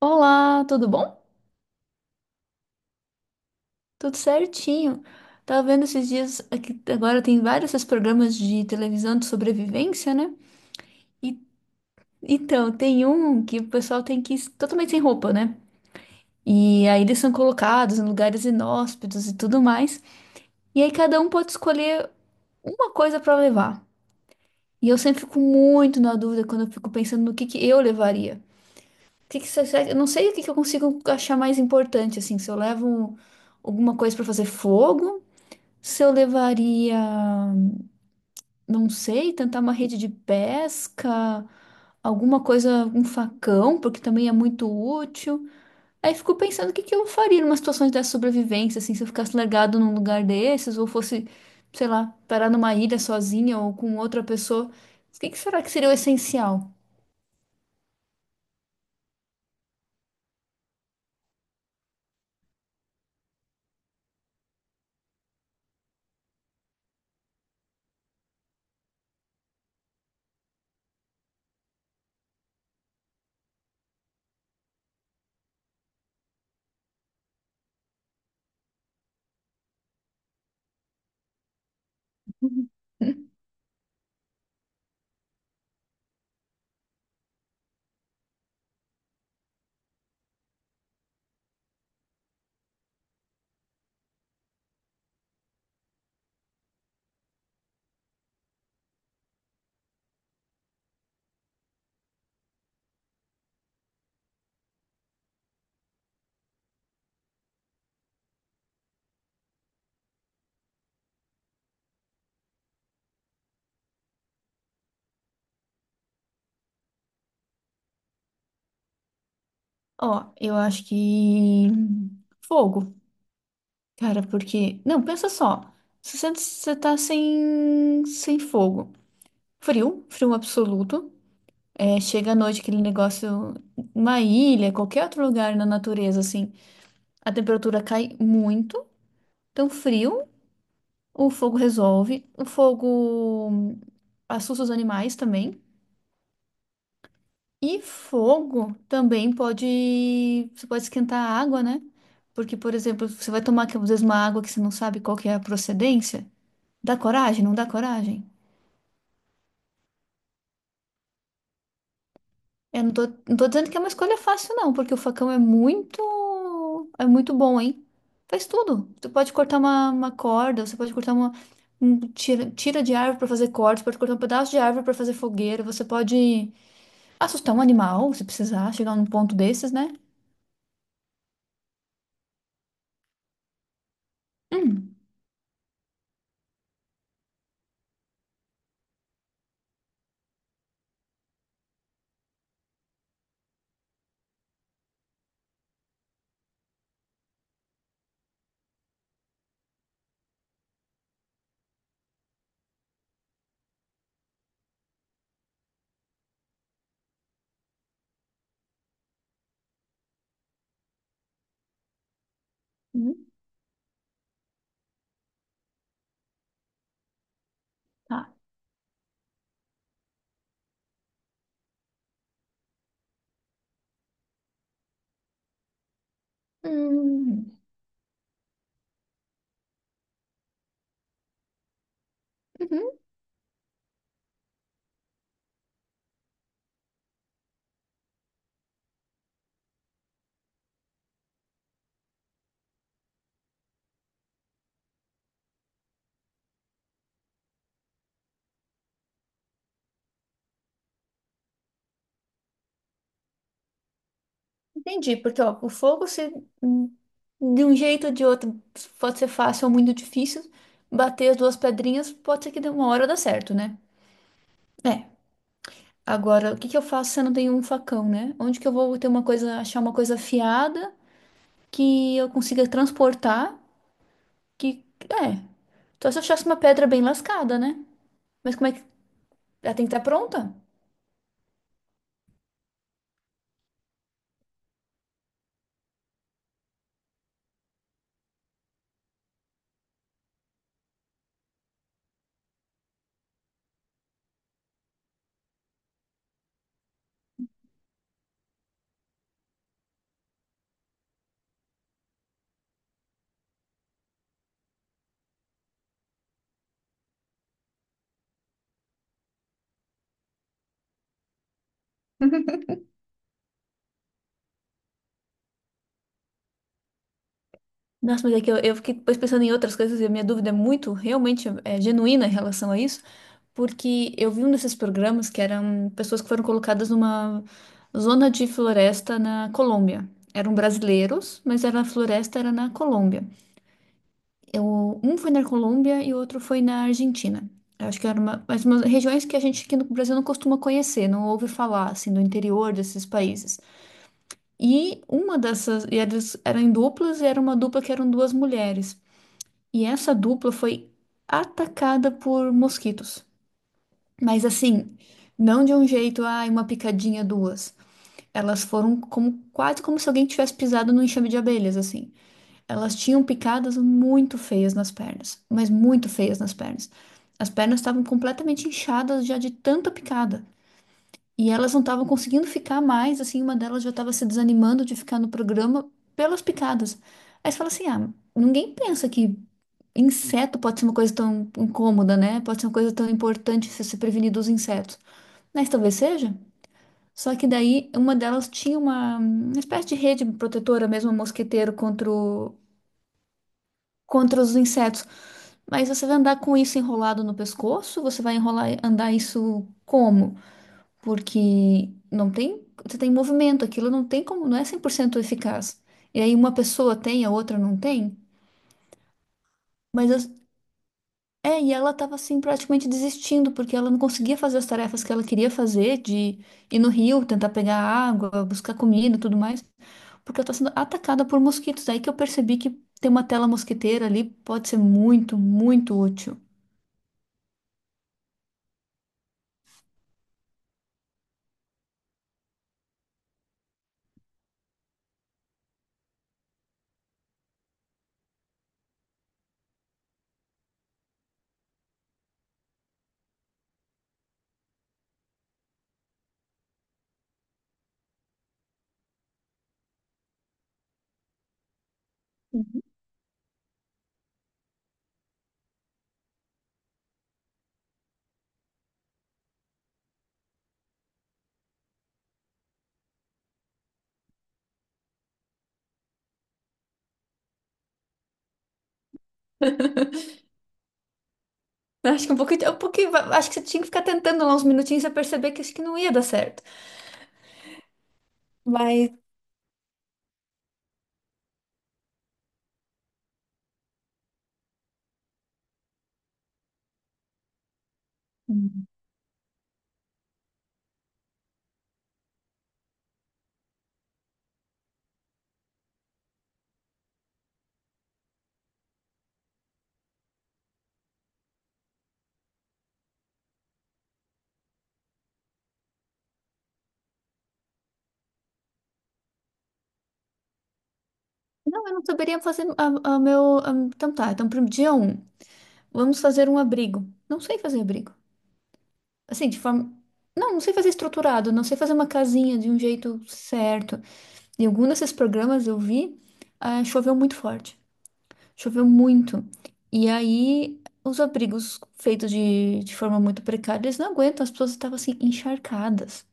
Olá, tudo bom? Tudo certinho. Tava vendo esses dias aqui, agora tem vários esses programas de televisão de sobrevivência, né? E então, tem um que o pessoal tem que ir totalmente sem roupa, né? E aí eles são colocados em lugares inóspitos e tudo mais. E aí cada um pode escolher uma coisa pra levar. E eu sempre fico muito na dúvida quando eu fico pensando no que eu levaria. O que que, eu não sei o que que eu consigo achar mais importante, assim, se eu levo um- alguma coisa pra fazer fogo. Se eu levaria, não sei, tentar uma rede de pesca, alguma coisa, um facão, porque também é muito útil. Aí fico pensando o que que eu faria numa situação de sobrevivência, assim, se eu ficasse largado num lugar desses, ou fosse, sei lá, parar numa ilha sozinha ou com outra pessoa. O que que será que seria o essencial? Ó, eu acho que fogo, cara, porque. Não, pensa só. Se você tá sem fogo. Frio, frio absoluto. É, chega à noite aquele negócio, uma ilha, qualquer outro lugar na natureza, assim, a temperatura cai muito, então frio, o fogo resolve, o fogo assusta os animais também, e fogo também pode, você pode esquentar a água, né? Porque, por exemplo, você vai tomar, às vezes, uma água que você não sabe qual que é a procedência, dá coragem, não dá coragem? Eu não tô dizendo que é uma escolha fácil, não, porque o facão é muito bom, hein? Faz tudo. Você pode cortar uma corda, você pode cortar uma um tira de árvore para fazer cortes, pode cortar um pedaço de árvore para fazer fogueira, você pode assustar um animal, se precisar, chegar num ponto desses, né? Hum, hum, tá. Hum, uhum, entendi, porque ó, o fogo se hum, de um jeito ou de outro pode ser fácil ou muito difícil. Bater as duas pedrinhas pode ser que de uma hora dá certo, né? É. Agora, o que que eu faço se eu não tenho um facão, né? Onde que eu vou ter uma coisa, achar uma coisa afiada que eu consiga transportar? Que é. Só se eu achasse uma pedra bem lascada, né? Mas como é que ela tem que estar pronta? Nossa, mas é que eu fiquei depois pensando em outras coisas e a minha dúvida é realmente é genuína em relação a isso, porque eu vi um desses programas que eram pessoas que foram colocadas numa zona de floresta na Colômbia. Eram brasileiros, mas era a floresta era na Colômbia. Um foi na Colômbia e o outro foi na Argentina. Eu acho que era mas umas regiões que a gente aqui no Brasil não costuma conhecer, não ouve falar, assim, do interior desses países. E elas eram em duplas, e era uma dupla que eram duas mulheres. E essa dupla foi atacada por mosquitos. Mas assim, não de um jeito, ai, uma picadinha, duas. Elas foram como se alguém tivesse pisado num enxame de abelhas, assim. Elas tinham picadas muito feias nas pernas, mas muito feias nas pernas. As pernas estavam completamente inchadas já de tanta picada. E elas não estavam conseguindo ficar mais, assim, uma delas já estava se desanimando de ficar no programa pelas picadas. Aí você fala assim: ah, ninguém pensa que inseto pode ser uma coisa tão incômoda, né? Pode ser uma coisa tão importante se se prevenir dos insetos. Mas talvez seja. Só que daí uma delas tinha uma espécie de rede protetora, mesmo um mosqueteiro contra os insetos. Mas você vai andar com isso enrolado no pescoço? Você vai enrolar, andar isso como? Porque não tem, você tem movimento, aquilo não tem como, não é 100% eficaz. E aí uma pessoa tem, a outra não tem. Mas as- É, e ela tava assim praticamente desistindo porque ela não conseguia fazer as tarefas que ela queria fazer, de ir no rio, tentar pegar água, buscar comida, e tudo mais, porque ela tá sendo atacada por mosquitos. Aí que eu percebi que ter uma tela mosquiteira ali pode ser muito, muito útil. Eu acho que um pouquinho, acho que você tinha que ficar tentando lá uns minutinhos pra perceber que acho que não ia dar certo. Mas Hum. não, eu não saberia fazer então tá, então pro dia um, vamos fazer um abrigo. Não sei fazer abrigo. Assim, de forma. Não, não sei fazer estruturado, não sei fazer uma casinha de um jeito certo. Em algum desses programas eu vi, ah, choveu muito forte. Choveu muito. E aí, os abrigos feitos de forma muito precária, eles não aguentam. As pessoas estavam assim, encharcadas,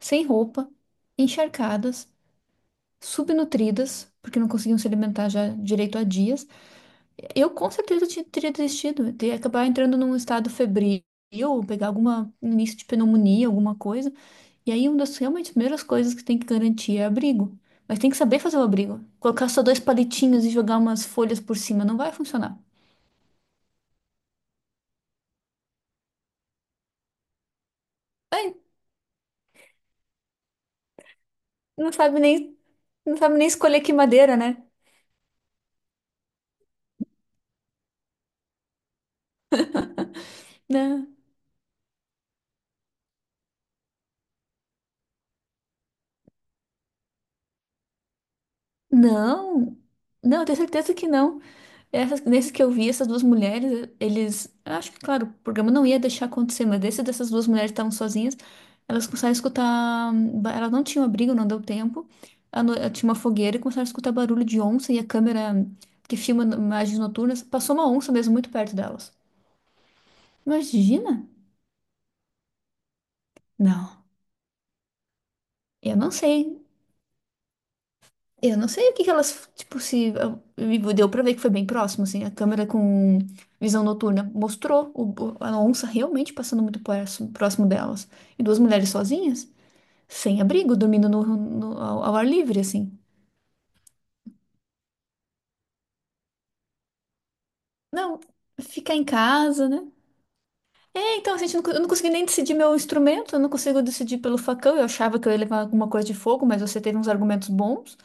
sem roupa, encharcadas, subnutridas, porque não conseguiam se alimentar já direito há dias. Eu com certeza teria desistido, eu teria acabar entrando num estado febril, ou pegar alguma um início de pneumonia, alguma coisa. E aí, uma das realmente primeiras coisas que tem que garantir é abrigo. Mas tem que saber fazer o abrigo. Colocar só dois palitinhos e jogar umas folhas por cima não vai funcionar. Não sabe nem, não sabe nem escolher que madeira, né? Não. Não, não, eu tenho certeza que não. Nesses que eu vi, essas duas mulheres, eles. Eu acho que, claro, o programa não ia deixar acontecer, mas desse dessas duas mulheres que estavam sozinhas, elas começaram a escutar. Elas não tinham abrigo, não deu tempo. A no- eh, Tinha uma fogueira e começaram a escutar barulho de onça e a câmera que filma imagens noturnas passou uma onça mesmo muito perto delas. Imagina? Não, eu não sei. Eu não sei o que que elas, tipo, se e deu pra ver que foi bem próximo, assim, a câmera com visão noturna mostrou a onça realmente passando muito próximo, próximo delas. E duas mulheres sozinhas, sem abrigo, dormindo ao ar livre, assim. Não, ficar em casa, né? É, então, assim, a gente não co- eu não consegui nem decidir meu instrumento, eu não consigo decidir pelo facão, eu achava que eu ia levar alguma coisa de fogo, mas você teve uns argumentos bons.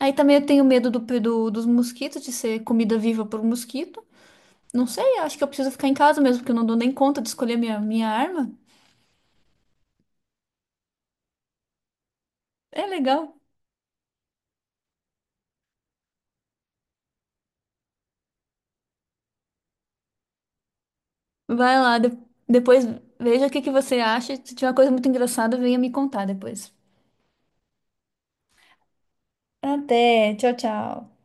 Aí também eu tenho medo dos mosquitos, de ser comida viva por um mosquito. Não sei, acho que eu preciso ficar em casa mesmo, porque eu não dou nem conta de escolher minha arma. É legal. Vai lá, depois veja o que que você acha. Se tiver uma coisa muito engraçada, venha me contar depois. Até, tchau, tchau.